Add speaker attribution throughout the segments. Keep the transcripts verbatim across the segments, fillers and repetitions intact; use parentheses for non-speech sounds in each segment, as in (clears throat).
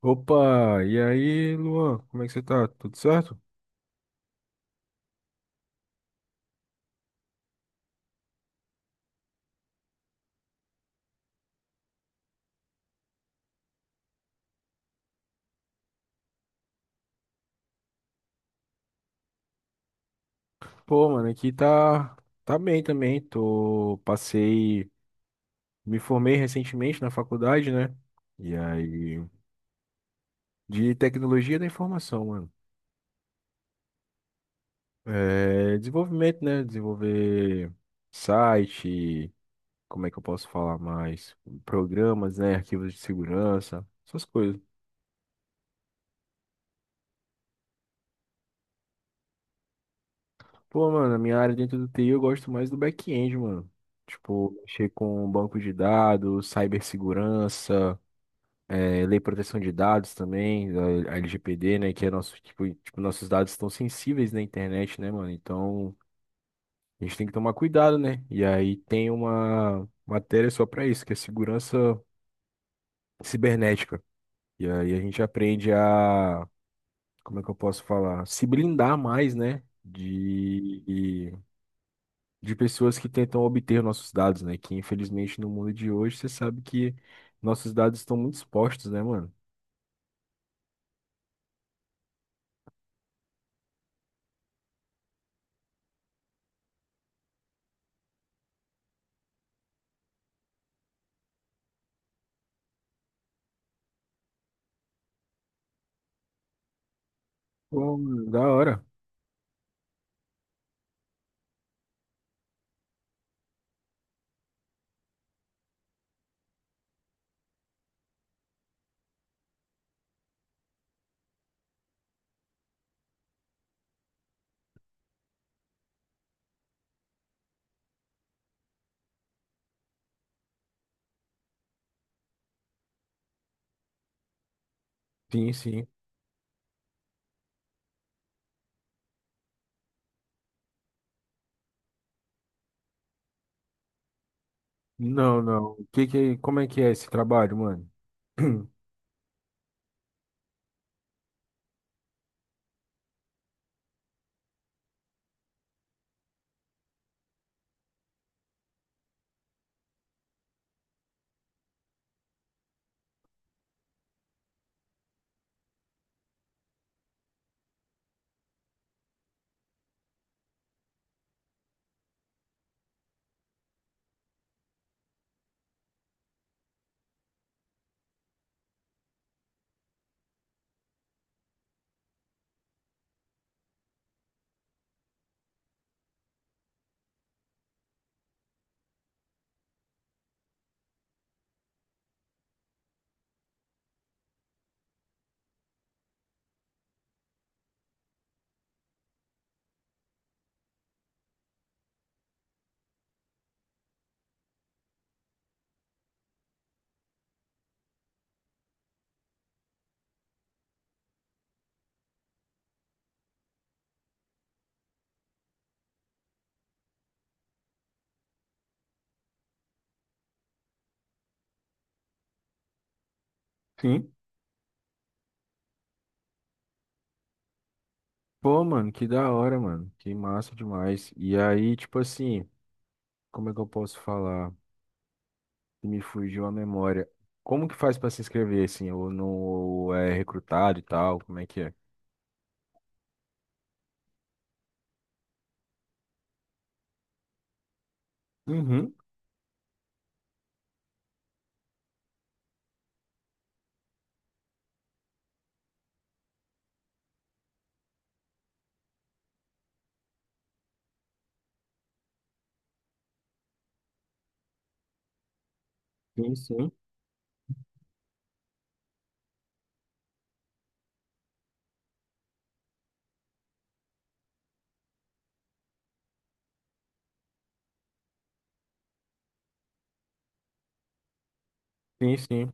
Speaker 1: Opa, e aí, Luan, como é que você tá? Tudo certo? Pô, mano, aqui tá, tá bem também. Tô, passei, me formei recentemente na faculdade, né? E aí, de tecnologia da informação, mano. É, desenvolvimento, né? Desenvolver site, como é que eu posso falar mais? Programas, né? Arquivos de segurança, essas coisas. Pô, mano, a minha área dentro do T I eu gosto mais do back-end, mano. Tipo, mexer com banco de dados, cibersegurança, eh, lei de proteção de dados também, a a L G P D, né? Que é nosso, tipo, tipo, nossos dados estão sensíveis na internet, né, mano? Então, a gente tem que tomar cuidado, né? E aí tem uma matéria só pra isso, que é segurança cibernética. E aí a gente aprende a, como é que eu posso falar? Se blindar mais, né? De de pessoas que tentam obter nossos dados, né? Que infelizmente no mundo de hoje você sabe que nossos dados estão muito expostos, né, mano? Pô, mano, da hora. Sim, sim. Não, não. O Que que, como é que é esse trabalho, mano? (clears throat) Sim. Pô, mano, que da hora, mano. Que massa demais. E aí, tipo assim, como é que eu posso falar? Me fugiu a memória. Como que faz pra se inscrever, assim? Ou não ou é recrutado e tal? Como é que é? Uhum. Sim, sim. Sim, sim.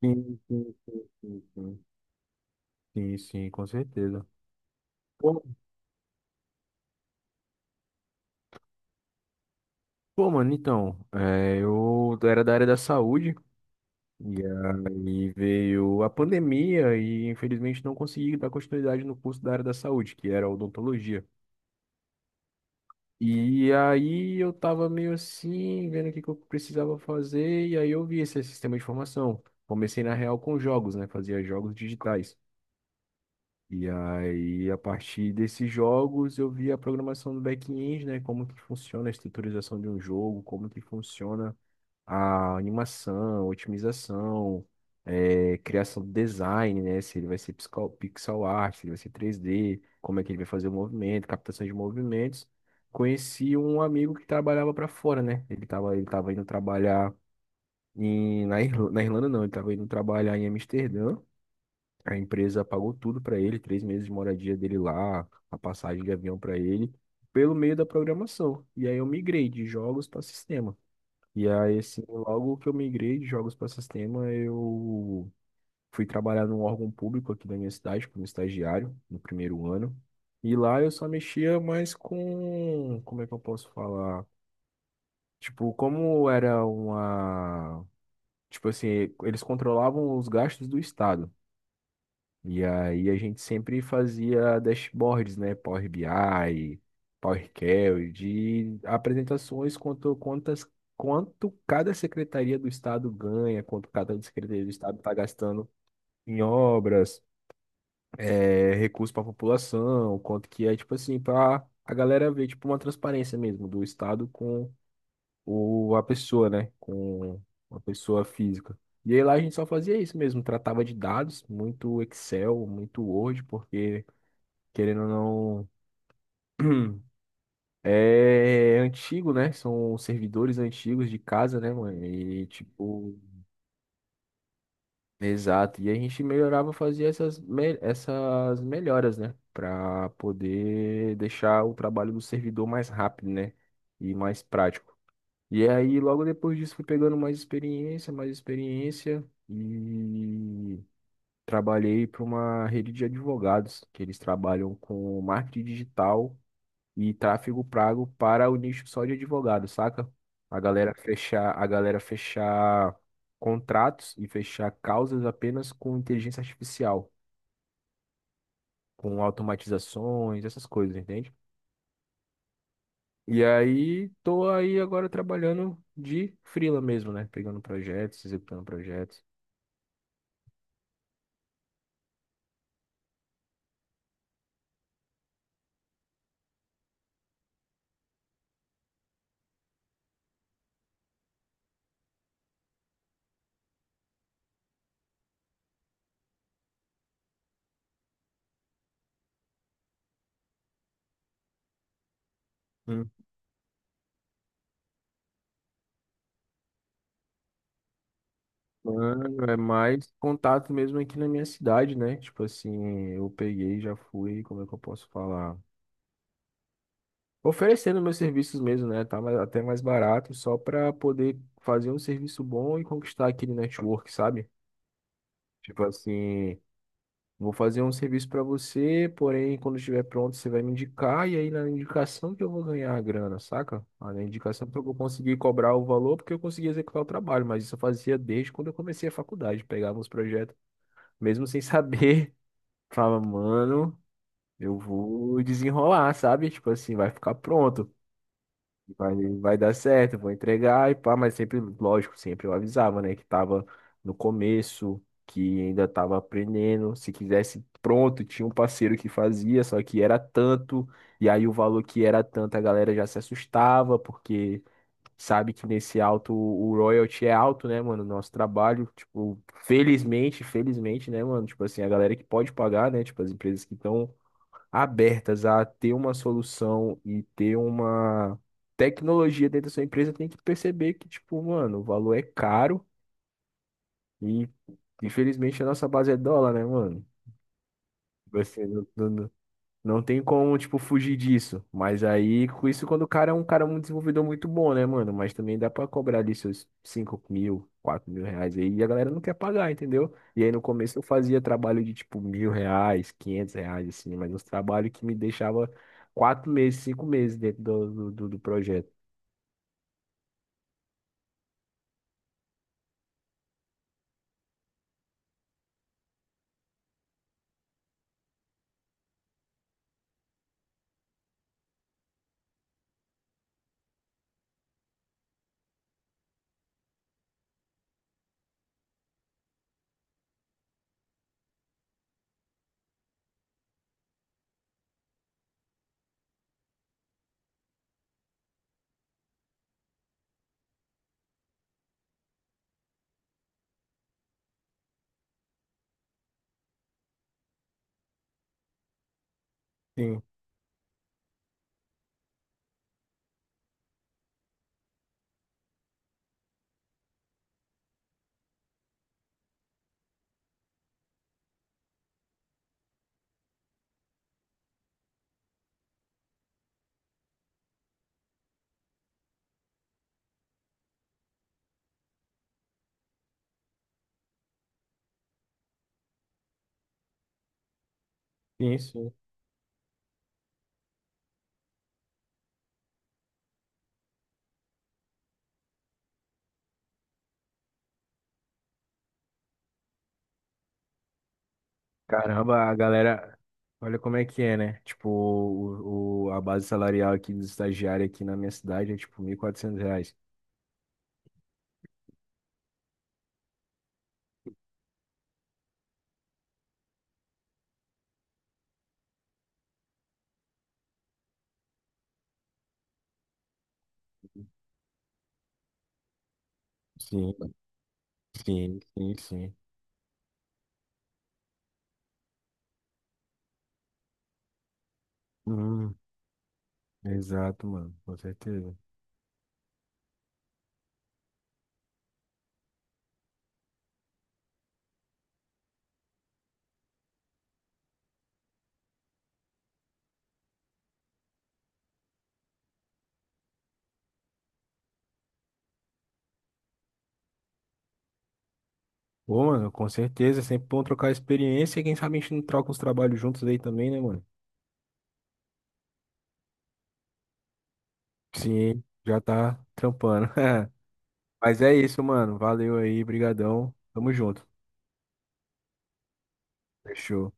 Speaker 1: Sim, sim, sim, sim, sim. Sim, sim, com certeza. Pô, pô, mano, então, é, eu era da área da saúde e aí veio a pandemia e infelizmente não consegui dar continuidade no curso da área da saúde, que era odontologia. E aí eu tava meio assim, vendo o que que eu precisava fazer e aí eu vi esse sistema de formação. Comecei na real com jogos, né? Fazia jogos digitais. E aí, a partir desses jogos, eu vi a programação do back-end, né? Como que funciona a estruturização de um jogo, como que funciona a animação, otimização, eh, criação do design, né? Se ele vai ser pixel pixel art, se ele vai ser três D, como é que ele vai fazer o movimento, captação de movimentos. Conheci um amigo que trabalhava para fora, né? Ele tava, ele tava indo trabalhar em, na Irlanda, na Irlanda não, ele tava indo trabalhar em Amsterdã. A empresa pagou tudo para ele, três meses de moradia dele lá, a passagem de avião para ele, pelo meio da programação. E aí eu migrei de jogos para sistema. E aí, assim, logo que eu migrei de jogos para sistema, eu fui trabalhar num órgão público aqui da minha cidade, como estagiário, no primeiro ano. E lá eu só mexia mais com, como é que eu posso falar? Tipo, como era uma, tipo assim, eles controlavam os gastos do estado. E aí a gente sempre fazia dashboards, né? Power B I, Power Query, de apresentações quanto quantas quanto cada secretaria do estado ganha, quanto cada secretaria do estado está gastando em obras, eh, recursos para a população, quanto que é tipo assim para a galera ver tipo uma transparência mesmo do estado com ou a pessoa, né? Com uma pessoa física. E aí lá a gente só fazia isso mesmo, tratava de dados, muito Excel, muito Word, porque querendo ou não, (clears throat) é antigo, né? São servidores antigos de casa, né, mano? E tipo, exato. E a gente melhorava, fazia essas, me- essas melhoras, né? Pra poder deixar o trabalho do servidor mais rápido, né? E mais prático. E aí, logo depois disso, fui pegando mais experiência, mais experiência e trabalhei para uma rede de advogados, que eles trabalham com marketing digital e tráfego pago para o nicho só de advogados, saca? A galera fechar, a galera fechar contratos e fechar causas apenas com inteligência artificial, com automatizações, essas coisas, entende? E aí, tô aí agora trabalhando de freela mesmo, né? Pegando projetos, executando projetos. Hum, Mano, é mais contato mesmo aqui na minha cidade, né? Tipo assim, eu peguei, já fui, como é que eu posso falar? Oferecendo meus serviços mesmo, né? Tá mais- até mais barato, só pra poder fazer um serviço bom e conquistar aquele network, sabe? Tipo assim, vou fazer um serviço pra você, porém, quando estiver pronto, você vai me indicar, e aí na indicação que eu vou ganhar a grana, saca? Ah, na indicação que eu vou conseguir cobrar o valor, porque eu consegui executar o trabalho, mas isso eu fazia desde quando eu comecei a faculdade, pegava uns projetos mesmo sem saber, (laughs) falava, mano, eu vou desenrolar, sabe? Tipo assim, vai ficar pronto, vai, vai dar certo, vou entregar e pá, mas sempre, lógico, sempre eu avisava, né, que tava no começo, que ainda tava aprendendo, se quisesse pronto, tinha um parceiro que fazia, só que era tanto, e aí o valor que era tanto, a galera já se assustava, porque sabe que nesse alto o royalty é alto, né, mano? Nosso trabalho, tipo, felizmente, felizmente, né, mano? Tipo assim, a galera que pode pagar, né? Tipo, as empresas que estão abertas a ter uma solução e ter uma tecnologia dentro da sua empresa tem que perceber que, tipo, mano, o valor é caro e infelizmente a nossa base é dólar, né, mano? Você não, não- não tem como, tipo, fugir disso. Mas aí, com isso, quando o cara é um cara muito desenvolvedor muito bom, né, mano? Mas também dá pra cobrar ali seus cinco mil, quatro mil reais aí. E a galera não quer pagar, entendeu? E aí, no começo, eu fazia trabalho de, tipo, mil reais, quinhentos reais, assim. Mas uns trabalhos que me deixava quatro meses, cinco meses dentro do, do, do do projeto. Sim, sim, sim. Caramba, a galera, olha como é que é, né? Tipo, o, o- a base salarial aqui dos estagiários aqui na minha cidade é tipo mil e quatrocentos reais. Sim, sim, sim, sim. Hum, exato, mano, com certeza. Pô, mano, com certeza, é sempre bom trocar experiência e quem sabe a gente não troca uns trabalhos juntos aí também, né, mano? Sim, já tá trampando. (laughs) Mas é isso, mano, valeu aí, brigadão, tamo junto. Fechou.